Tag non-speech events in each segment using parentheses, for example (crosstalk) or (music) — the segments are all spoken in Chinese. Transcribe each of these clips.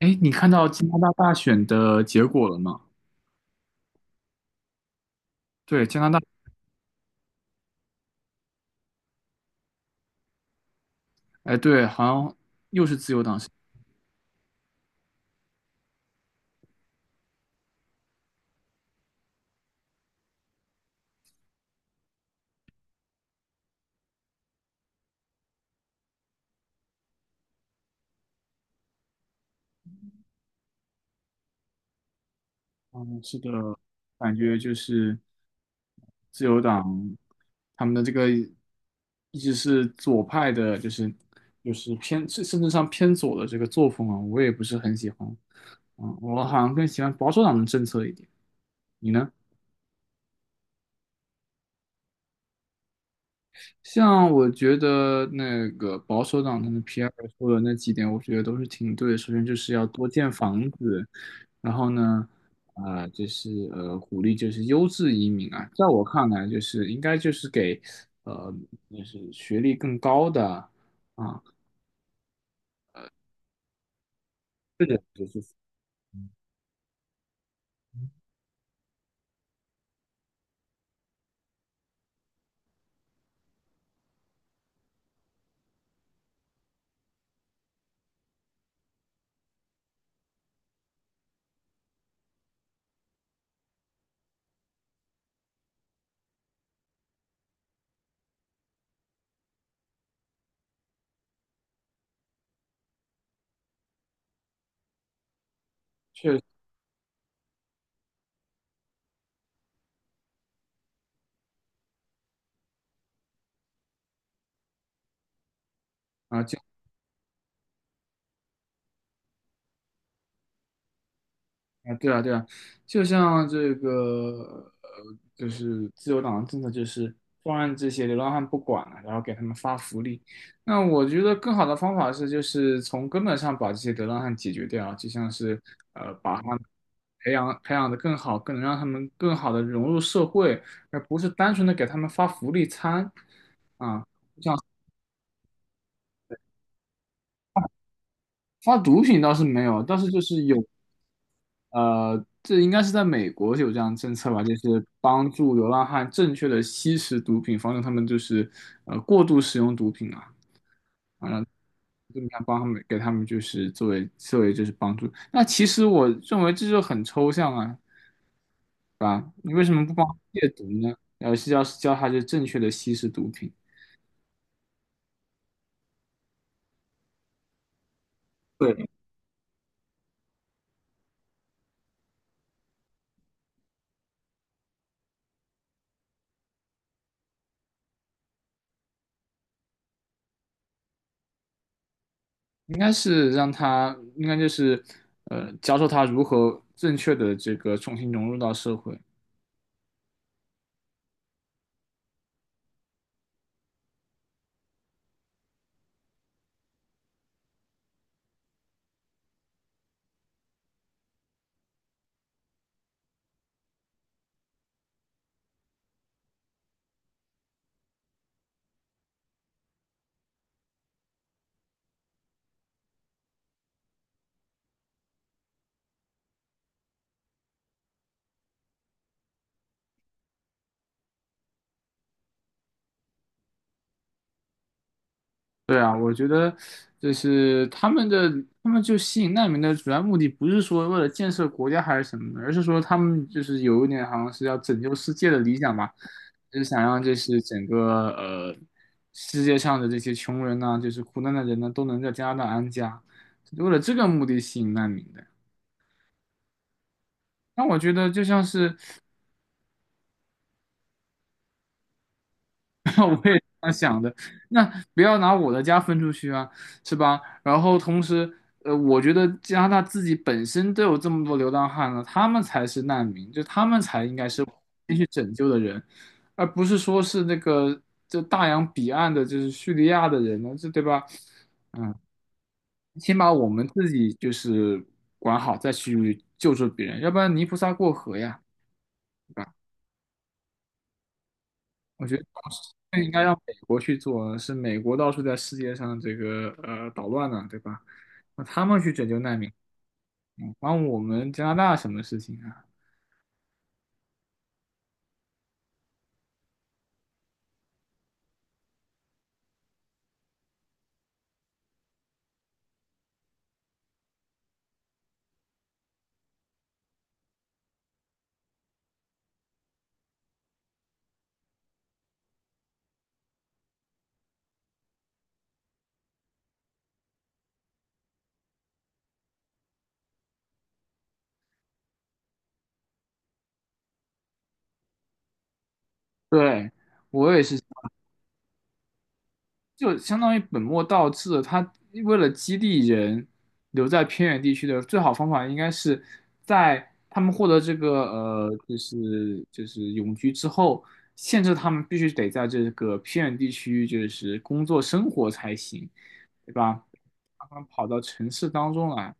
哎，你看到加拿大大选的结果了吗？对，加拿大，哎，对，好像又是自由党。嗯，是的，感觉就是自由党他们的这个一直是左派的，就是偏甚至上偏左的这个作风啊，我也不是很喜欢。嗯，我好像更喜欢保守党的政策一点。你呢？像我觉得那个保守党他们皮 r 尔说的那几点，我觉得都是挺对的。首先就是要多建房子，然后呢，啊，就是鼓励就是优质移民啊，在我看来，就是应该就是给呃，就是学历更高的啊，这个就是确啊。啊，对啊，对啊，就像这个，就是自由党的政策就是放任这些流浪汉不管了，然后给他们发福利。那我觉得更好的方法是，就是从根本上把这些流浪汉解决掉，就像是把他们培养培养的更好，更能让他们更好的融入社会，而不是单纯的给他们发福利餐啊。发毒品倒是没有，但是就是有，这应该是在美国有这样的政策吧，就是帮助流浪汉正确的吸食毒品，防止他们就是过度使用毒品啊，这么样帮他们给他们就是作为就是帮助。那其实我认为这就很抽象啊，对吧？你为什么不帮他戒毒呢？而是要教他就正确的吸食毒品。对，应该是让他，应该就是，教授他如何正确的这个重新融入到社会。对啊，我觉得就是他们就吸引难民的主要目的，不是说为了建设国家还是什么的，而是说他们就是有一点好像是要拯救世界的理想吧，就是想让这是整个世界上的这些穷人呐、就是苦难的人呢，都能在加拿大安家，为了这个目的吸引难民的。那我觉得就像是 (laughs) 那我也这样想的，那不要拿我的家分出去啊，是吧？然后同时，我觉得加拿大自己本身都有这么多流浪汉了，他们才是难民，就他们才应该是先去拯救的人，而不是说是那个就大洋彼岸的，就是叙利亚的人呢，这对吧？嗯，先把我们自己就是管好，再去救助别人，要不然泥菩萨过河呀。对吧？我觉得这应该让美国去做，是美国到处在世界上这个捣乱呢，对吧？那他们去拯救难民，关我们加拿大什么事情啊？对，我也是。就相当于本末倒置了他为了激励人留在偏远地区的最好方法，应该是在他们获得这个就是永居之后，限制他们必须得在这个偏远地区就是工作生活才行，对吧？他们跑到城市当中来，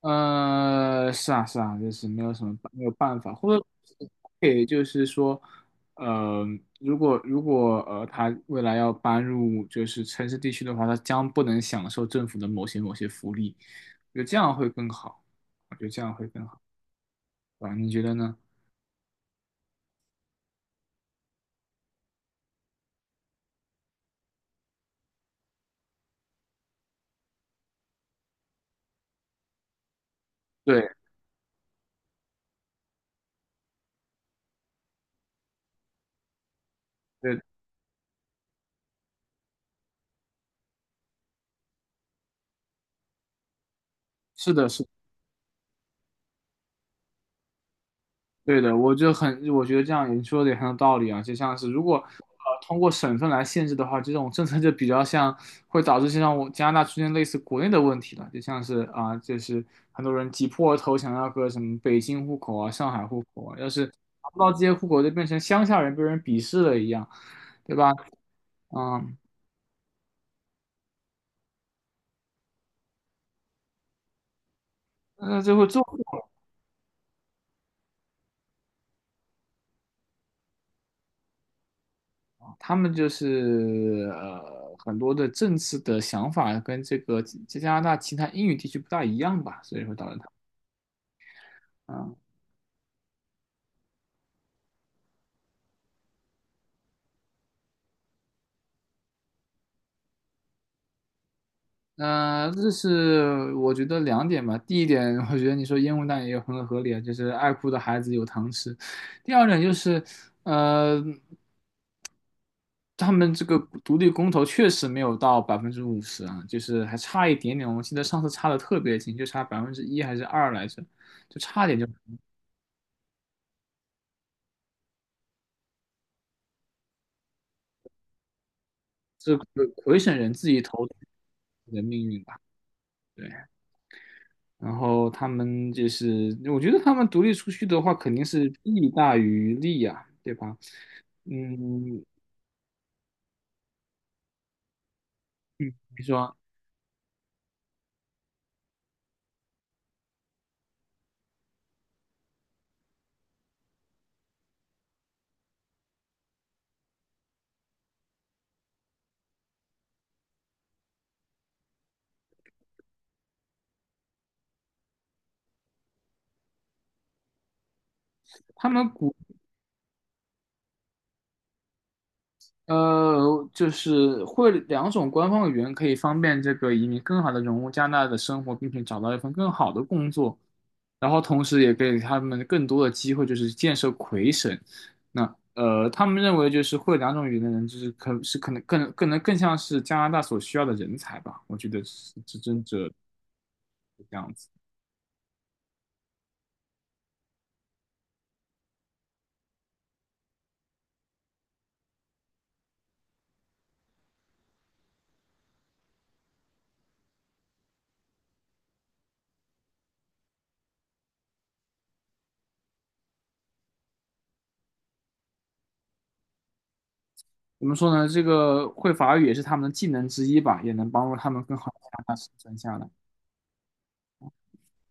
是啊，是啊，就是没有什么没有办法，或者可以就是说，呃，如果他未来要搬入就是城市地区的话，他将不能享受政府的某些福利，我觉得这样会更好，我觉得这样会更好，啊，你觉得呢？对对，是的，是对的，我就很，我觉得这样你说的也很有道理啊。就像是如果通过省份来限制的话，这种政策就比较像会导致像我加拿大出现类似国内的问题了，就像是啊，就是很多人挤破头想要个什么北京户口啊、上海户口啊，要是拿不到这些户口，就变成乡下人被人鄙视了一样，对吧？嗯，那最后他们就是很多的政策的想法跟这个加拿大其他英语地区不大一样吧，所以会导致他。嗯那、这是我觉得两点吧。第一点，我觉得你说烟雾弹也有很合理啊，就是爱哭的孩子有糖吃。第二点就是，呃，他们这个独立公投确实没有到50%啊，就是还差一点点。我记得上次差的特别近，就差1%还是二来着，就差点就这个魁省人自己投自己的命运吧。对然后他们就是，我觉得他们独立出去的话，肯定是弊大于利呀、对吧？嗯，比如说他们就是会两种官方语言，可以方便这个移民更好的融入加拿大的生活，并且找到一份更好的工作，然后同时也给他们更多的机会，就是建设魁省。那他们认为就是会两种语言的人，就是可能更能更像是加拿大所需要的人才吧，我觉得是这怎么说呢？这个会法语也是他们的技能之一吧，也能帮助他们更好的把它生存下来。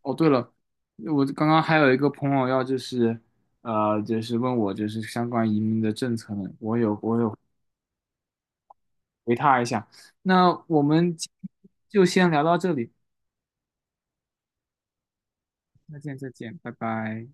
哦，对了，我刚刚还有一个朋友要就是，就是问我就是相关移民的政策呢，我有回他一下。那我们今天就先聊到这里，再见再见，拜拜。